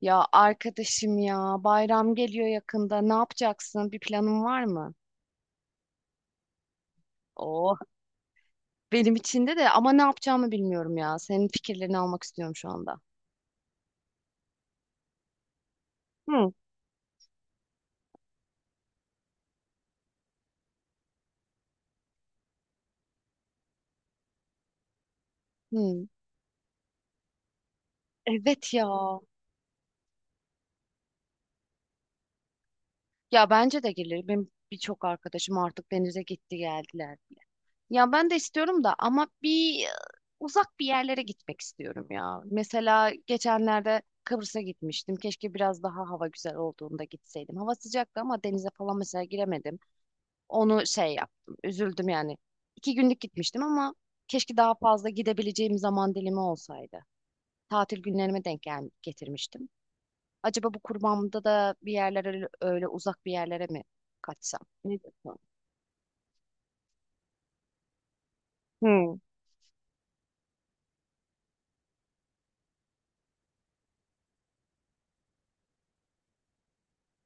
Ya arkadaşım ya bayram geliyor yakında. Ne yapacaksın? Bir planın var mı? Oo, benim içinde de ama ne yapacağımı bilmiyorum ya. Senin fikirlerini almak istiyorum şu anda. Hı. Hmm, evet ya. Ya bence de gelir. Benim birçok arkadaşım artık denize gitti geldiler bile. Ya ben de istiyorum da ama uzak bir yerlere gitmek istiyorum ya. Mesela geçenlerde Kıbrıs'a gitmiştim. Keşke biraz daha hava güzel olduğunda gitseydim. Hava sıcaktı ama denize falan mesela giremedim. Onu şey yaptım. Üzüldüm yani. İki günlük gitmiştim ama keşke daha fazla gidebileceğim zaman dilimi olsaydı. Tatil günlerime denk gel getirmiştim. Acaba bu kurbanımda da bir yerlere öyle, öyle uzak bir yerlere mi kaçsam? Ne diyorsun? Hmm.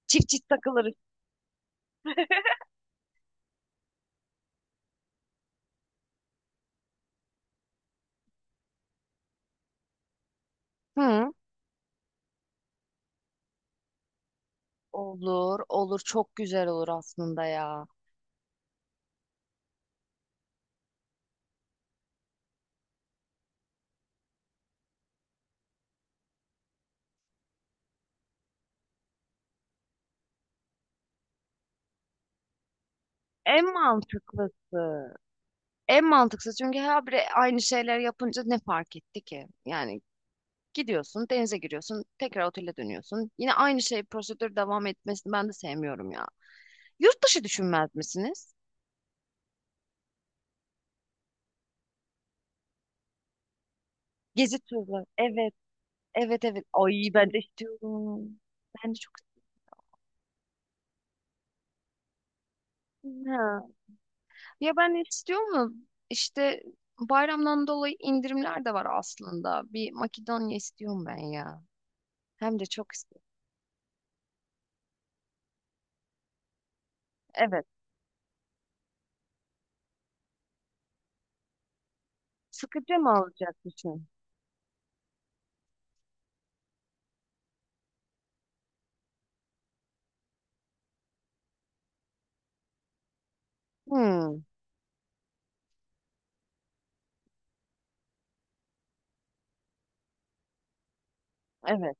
Çift çift takılırız. Hı. Olur, olur. Çok güzel olur aslında ya. En mantıklısı. En mantıklısı çünkü her biri aynı şeyler yapınca ne fark etti ki? Yani gidiyorsun, denize giriyorsun, tekrar otele dönüyorsun. Yine aynı şey prosedür devam etmesini ben de sevmiyorum ya. Yurt dışı düşünmez misiniz? Gezi turları. Evet, evet, evet. Ay ben de istiyorum. Ben de çok istiyorum. Ha. Ya ben de istiyor mu? İşte bayramdan dolayı indirimler de var aslında. Bir Makedonya istiyorum ben ya. Hem de çok istiyorum. Evet. Sıkıcı mı olacak düşün? Hmm, evet.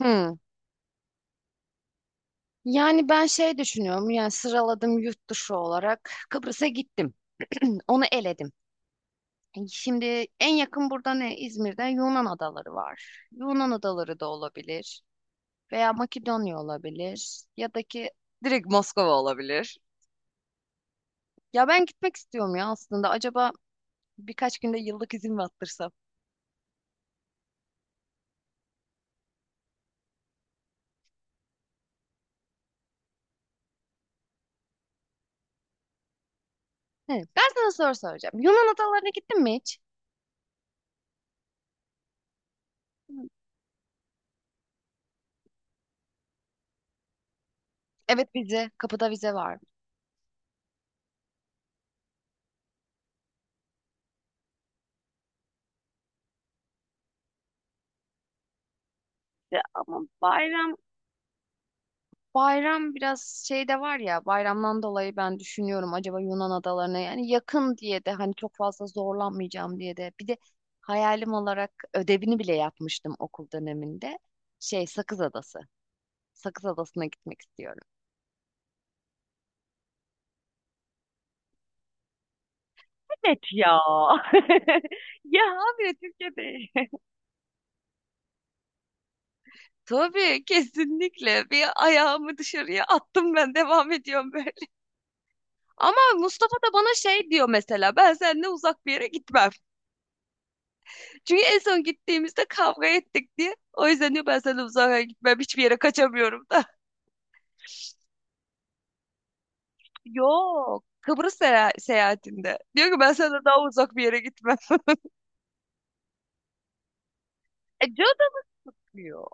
Hmm. Yani ben şey düşünüyorum yani sıraladım yurt dışı olarak Kıbrıs'a gittim. Onu eledim. E, şimdi en yakın burada ne? İzmir'de Yunan adaları var. Yunan adaları da olabilir veya Makedonya olabilir ya da ki direkt Moskova olabilir. Ya ben gitmek istiyorum ya aslında. Acaba birkaç günde yıllık izin mi attırsam? He, ben sana soru soracağım. Yunan adalarına gittin mi hiç? Evet vize, kapıda vize var. Ya ama bayram bayram biraz şey de var ya bayramdan dolayı ben düşünüyorum acaba Yunan adalarına yani yakın diye de hani çok fazla zorlanmayacağım diye de bir de hayalim olarak ödevini bile yapmıştım okul döneminde şey Sakız Adası. Sakız Adası'na gitmek istiyorum. Evet ya. Ya abi Türkiye'de. Tabii kesinlikle bir ayağımı dışarıya attım ben devam ediyorum böyle. Ama Mustafa da bana şey diyor mesela ben seninle uzak bir yere gitmem. Çünkü en son gittiğimizde kavga ettik diye. O yüzden diyor ben senden uzağa gitmem. Hiçbir yere kaçamıyorum da. Yok. Kıbrıs seyah- seyahatinde. Diyor ki ben senden daha uzak bir yere gitmem. E, canım diyor.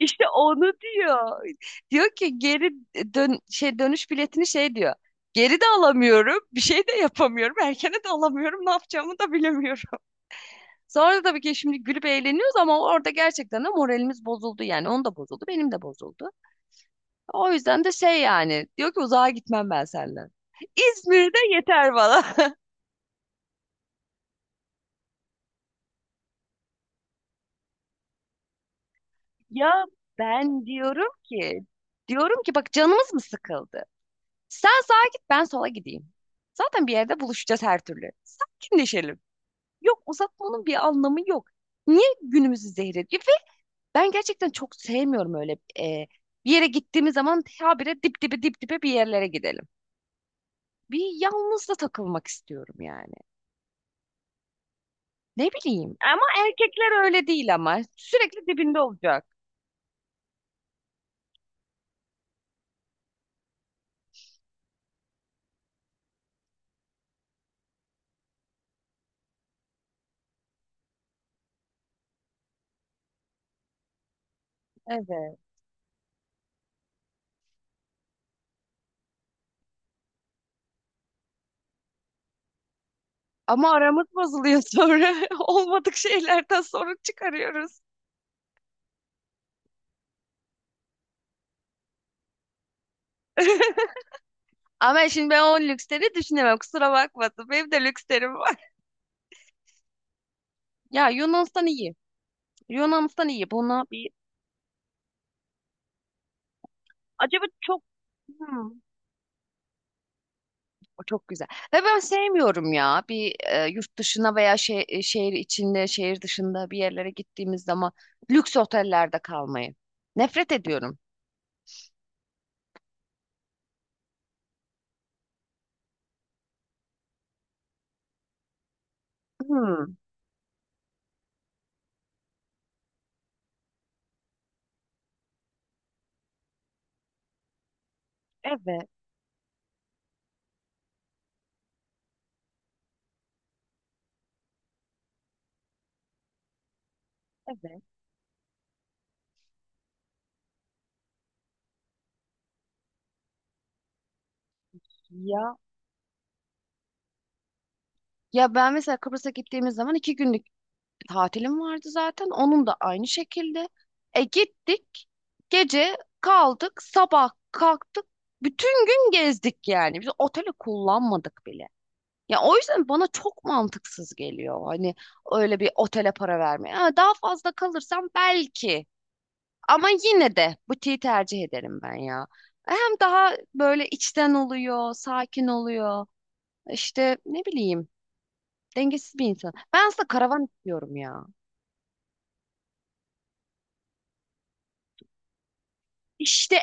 İşte onu diyor. Diyor ki geri dön şey dönüş biletini şey diyor. Geri de alamıyorum. Bir şey de yapamıyorum. Erkene de alamıyorum. Ne yapacağımı da bilemiyorum. Sonra da tabii ki şimdi gülüp eğleniyoruz ama orada gerçekten de moralimiz bozuldu. Yani onun da bozuldu. Benim de bozuldu. O yüzden de şey yani diyor ki uzağa gitmem ben senden. İzmir'de yeter bana. Ya, ben diyorum ki diyorum ki bak canımız mı sıkıldı? Sen sağa git ben sola gideyim. Zaten bir yerde buluşacağız her türlü. Sakinleşelim. Yok uzatmanın bir anlamı yok. Niye günümüzü zehir ediyor? Ve ben gerçekten çok sevmiyorum öyle e, bir yere gittiğimiz zaman habire dip dibe dip dibe bir yerlere gidelim. Bir yalnız da takılmak istiyorum yani. Ne bileyim. Ama erkekler öyle değil ama. Sürekli dibinde olacak. Evet. Ama aramız bozuluyor sonra. Olmadık şeylerden sorun çıkarıyoruz. Ama şimdi ben o lüksleri düşünemem. Kusura bakmasın. Benim de lükslerim var. Ya Yunanistan iyi. Yunanistan iyi. Buna bir acaba çok Hmm. O çok güzel. Ve ben sevmiyorum ya yurt dışına veya şehir içinde, şehir dışında bir yerlere gittiğimiz zaman lüks otellerde kalmayı. Nefret ediyorum. Hmm, evet. Evet. Ya ya, ben mesela Kıbrıs'a gittiğimiz zaman iki günlük tatilim vardı zaten. Onun da aynı şekilde. E gittik. Gece kaldık. Sabah kalktık. Bütün gün gezdik yani. Biz oteli kullanmadık bile. Ya o yüzden bana çok mantıksız geliyor. Hani öyle bir otele para vermeye. Ha, daha fazla kalırsam belki. Ama yine de butiği tercih ederim ben ya. Hem daha böyle içten oluyor, sakin oluyor. İşte ne bileyim. Dengesiz bir insan. Ben aslında karavan istiyorum ya. İşte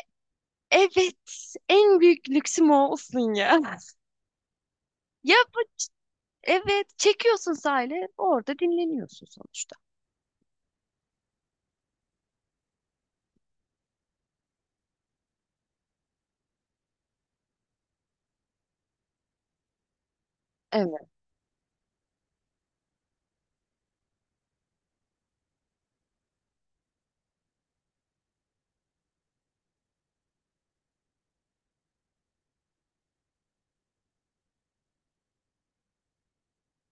evet. En büyük lüksüm o olsun ya. Ya bu- evet. Çekiyorsun sahile. Orada dinleniyorsun sonuçta. Evet.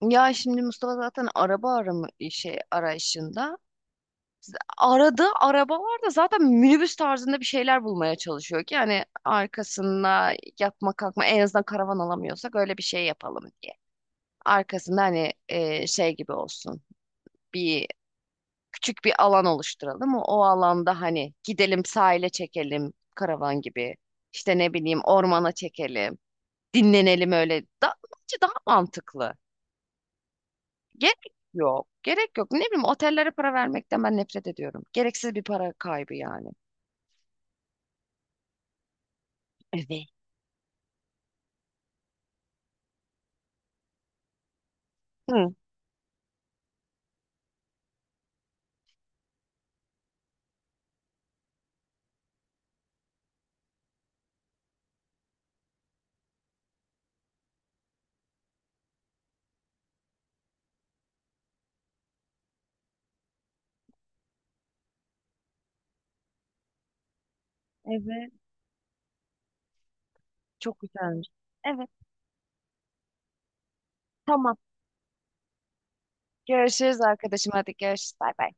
Ya şimdi Mustafa zaten araba arama şey arayışında. Aradığı arabalarda zaten minibüs tarzında bir şeyler bulmaya çalışıyor ki yani arkasına yatma kalkma en azından karavan alamıyorsak öyle bir şey yapalım diye. Arkasında hani şey gibi olsun bir küçük bir alan oluşturalım o, o alanda hani gidelim sahile çekelim karavan gibi işte ne bileyim ormana çekelim dinlenelim öyle da, bence daha mantıklı. Gerek yok. Gerek yok. Ne bileyim otellere para vermekten ben nefret ediyorum. Gereksiz bir para kaybı yani. Evet. Hı. Evet. Çok güzelmiş. Evet. Tamam. Görüşürüz arkadaşım. Hadi görüşürüz. Bay bay.